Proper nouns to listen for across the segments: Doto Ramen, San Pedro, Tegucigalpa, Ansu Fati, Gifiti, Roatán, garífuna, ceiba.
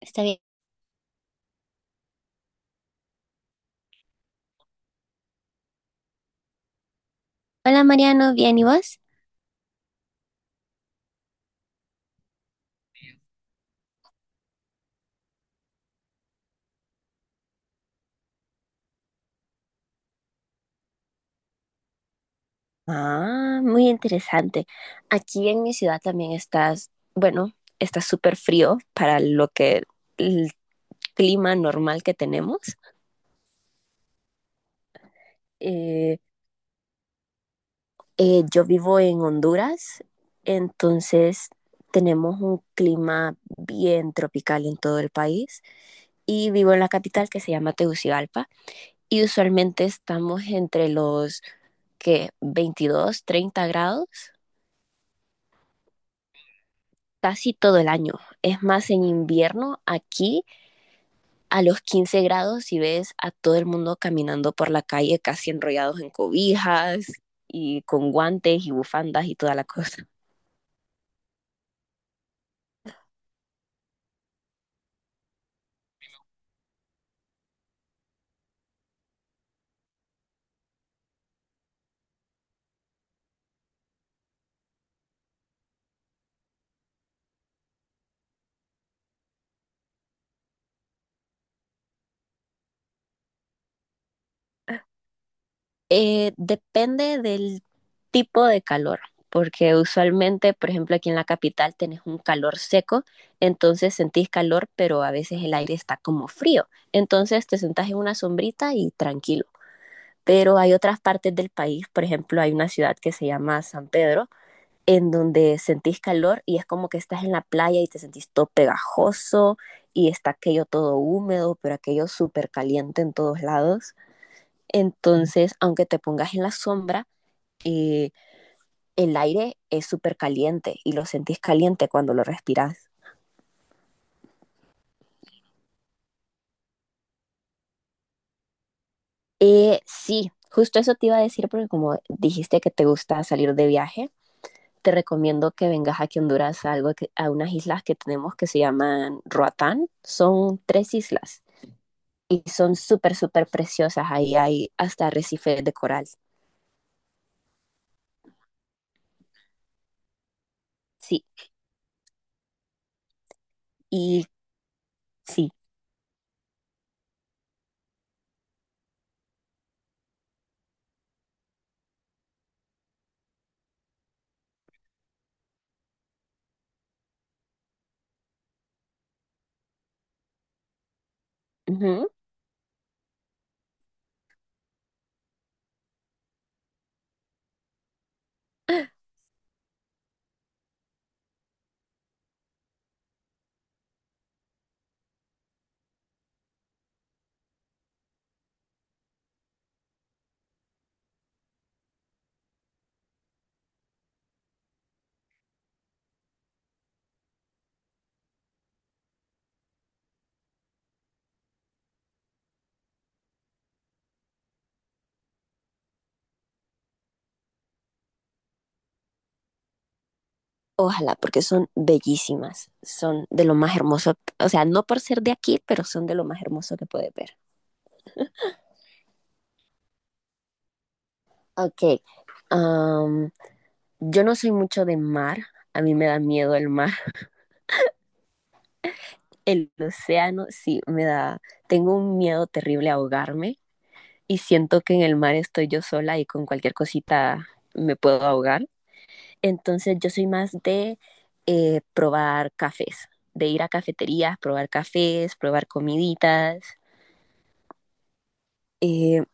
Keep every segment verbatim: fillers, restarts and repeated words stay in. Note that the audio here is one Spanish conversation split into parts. Está bien. Hola Mariano, ¿bien y vos? Ah, muy interesante. Aquí en mi ciudad también estás, bueno, está súper frío para lo que el clima normal que tenemos. Eh, eh, yo vivo en Honduras, entonces tenemos un clima bien tropical en todo el país y vivo en la capital que se llama Tegucigalpa y usualmente estamos entre los que veintidós, treinta grados casi todo el año. Es más, en invierno aquí a los quince grados y ves a todo el mundo caminando por la calle casi enrollados en cobijas y con guantes y bufandas y toda la cosa. Eh, depende del tipo de calor, porque usualmente, por ejemplo, aquí en la capital tenés un calor seco, entonces sentís calor, pero a veces el aire está como frío. Entonces te sentás en una sombrita y tranquilo, pero hay otras partes del país, por ejemplo, hay una ciudad que se llama San Pedro, en donde sentís calor y es como que estás en la playa y te sentís todo pegajoso y está aquello todo húmedo, pero aquello súper caliente en todos lados. Entonces, aunque te pongas en la sombra, eh, el aire es súper caliente y lo sentís caliente cuando lo respiras. Eh, sí, justo eso te iba a decir porque como dijiste que te gusta salir de viaje, te recomiendo que vengas aquí a Honduras a, algo que, a unas islas que tenemos que se llaman Roatán. Son tres islas y son súper, súper preciosas. Ahí hay hasta arrecifes de coral. Sí, y sí. Ujú. Ojalá, porque son bellísimas. Son de lo más hermoso. O sea, no por ser de aquí, pero son de lo más hermoso que puedes ver. Ok. am, yo no soy mucho de mar. A mí me da miedo el mar. El océano, sí, me da. Tengo un miedo terrible a ahogarme y siento que en el mar estoy yo sola y con cualquier cosita me puedo ahogar. Entonces yo soy más de eh, probar cafés, de ir a cafeterías, probar cafés, probar comiditas. eh,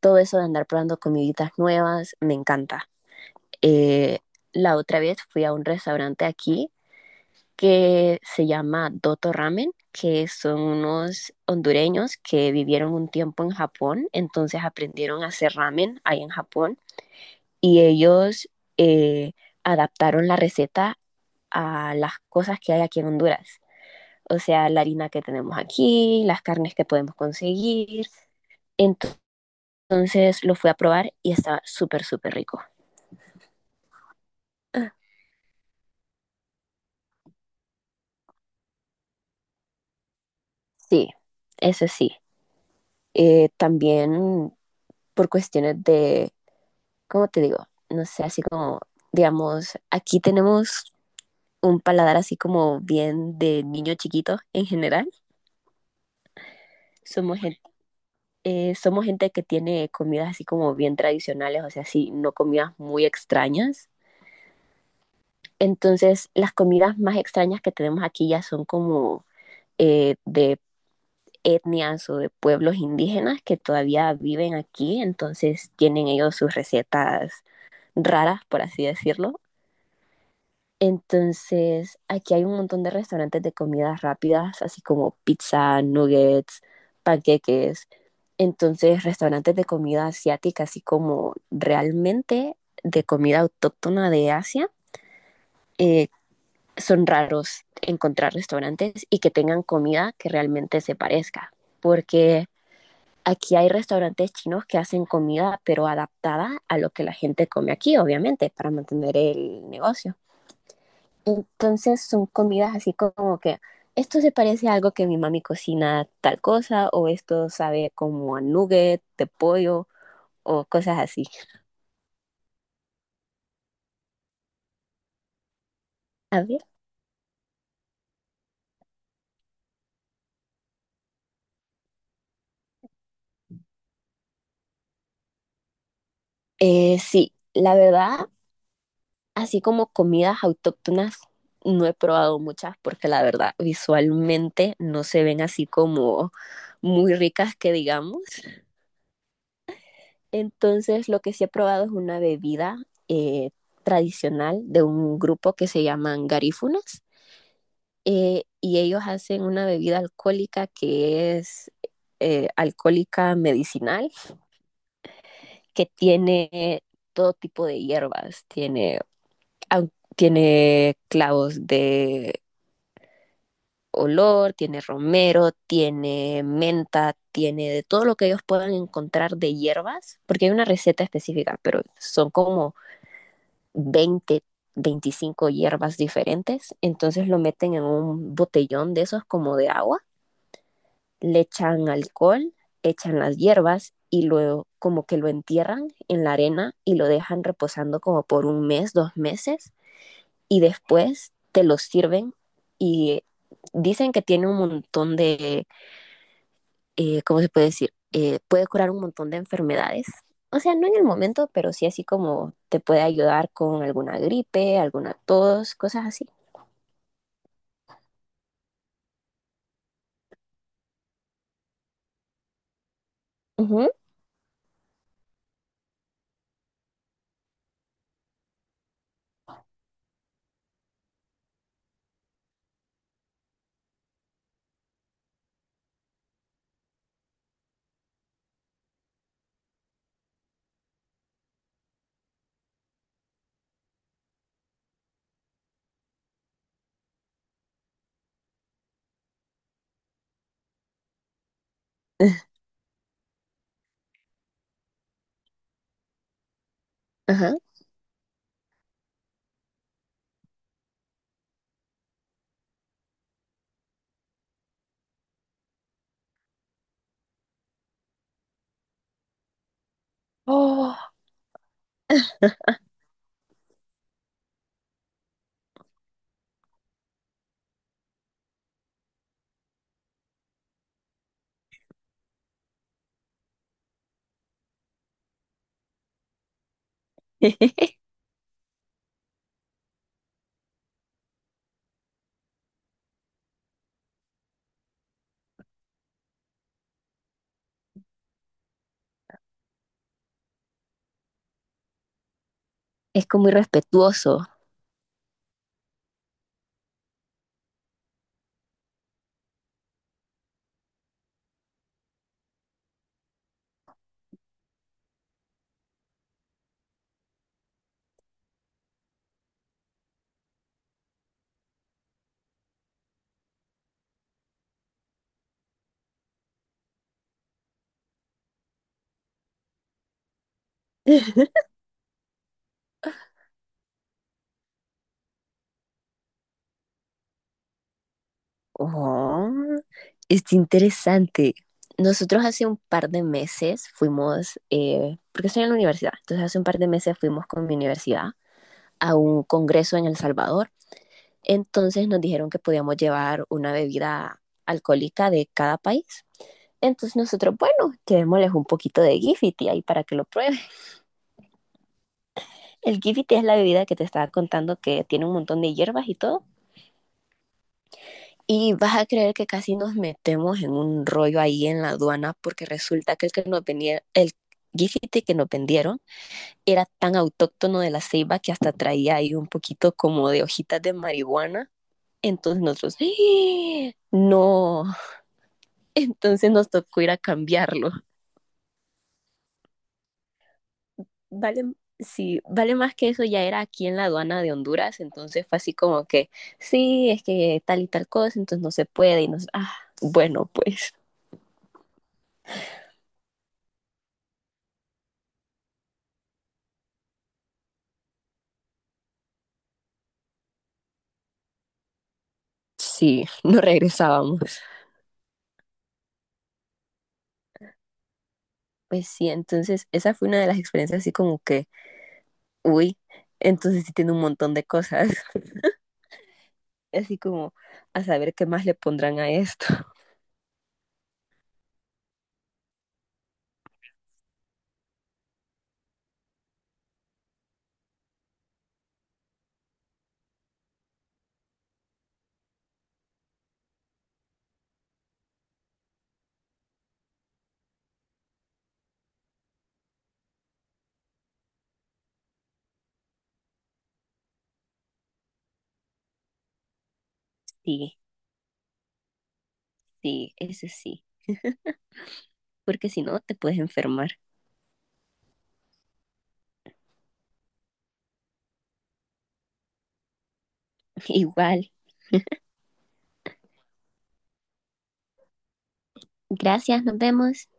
Todo eso de andar probando comiditas nuevas, me encanta. Eh, la otra vez fui a un restaurante aquí que se llama Doto Ramen, que son unos hondureños que vivieron un tiempo en Japón, entonces aprendieron a hacer ramen ahí en Japón y ellos eh, adaptaron la receta a las cosas que hay aquí en Honduras. O sea, la harina que tenemos aquí, las carnes que podemos conseguir. Entonces lo fui a probar y estaba súper, súper rico. Sí, eso sí. Eh, también por cuestiones de, ¿cómo te digo? No sé, así como, digamos, aquí tenemos un paladar así como bien de niño chiquito en general. Somos gente, Somos gente que tiene comidas así como bien tradicionales, o sea, sí, no comidas muy extrañas. Entonces, las comidas más extrañas que tenemos aquí ya son como eh, de etnias o de pueblos indígenas que todavía viven aquí, entonces tienen ellos sus recetas raras, por así decirlo. Entonces, aquí hay un montón de restaurantes de comidas rápidas, así como pizza, nuggets, panqueques. Entonces, restaurantes de comida asiática, así como realmente de comida autóctona de Asia, eh, son raros encontrar restaurantes y que tengan comida que realmente se parezca, porque aquí hay restaurantes chinos que hacen comida pero adaptada a lo que la gente come aquí, obviamente, para mantener el negocio. Entonces son comidas así como que esto se parece a algo que mi mami cocina tal cosa o esto sabe como a nugget de pollo o cosas así. A ver. Eh, sí, la verdad. Así como comidas autóctonas, no he probado muchas porque la verdad visualmente no se ven así como muy ricas que digamos. Entonces lo que sí he probado es una bebida eh, tradicional de un grupo que se llaman garífunas, eh, y ellos hacen una bebida alcohólica que es eh, alcohólica medicinal que tiene todo tipo de hierbas, tiene, au- tiene clavos de olor, tiene romero, tiene menta, tiene de todo lo que ellos puedan encontrar de hierbas, porque hay una receta específica, pero son como veinte veinticinco hierbas diferentes, entonces lo meten en un botellón de esos como de agua, le echan alcohol, echan las hierbas y luego como que lo entierran en la arena y lo dejan reposando como por un mes, dos meses y después te lo sirven y dicen que tiene un montón de eh, ¿cómo se puede decir? Eh, puede curar un montón de enfermedades. O sea, no en el momento, pero sí así como te puede ayudar con alguna gripe, alguna tos, cosas así. Ujú, ajá. Oh. Es como muy respetuoso. Oh, es interesante. Nosotros hace un par de meses fuimos, eh, porque estoy en la universidad, entonces hace un par de meses fuimos con mi universidad a un congreso en El Salvador. Entonces nos dijeron que podíamos llevar una bebida alcohólica de cada país. Entonces nosotros, bueno, llevémosles un poquito de Gifiti ahí para que lo prueben. El Gifiti es la bebida que te estaba contando que tiene un montón de hierbas y todo. Y vas a creer que casi nos metemos en un rollo ahí en la aduana porque resulta que el que nos venía, el Gifiti que nos vendieron era tan autóctono de la ceiba que hasta traía ahí un poquito como de hojitas de marihuana. Entonces nosotros, ¡ah, no! Entonces nos tocó ir a cambiarlo. Vale, sí, vale más que eso, ya era aquí en la aduana de Honduras, entonces fue así como que, sí, es que tal y tal cosa, entonces no se puede y nos, ah, bueno, pues sí, no regresábamos. Pues sí, entonces esa fue una de las experiencias así como que, uy, entonces sí tiene un montón de cosas, así como a saber qué más le pondrán a esto. Sí, sí, ese sí, porque si no te puedes enfermar. Igual. Gracias, nos vemos.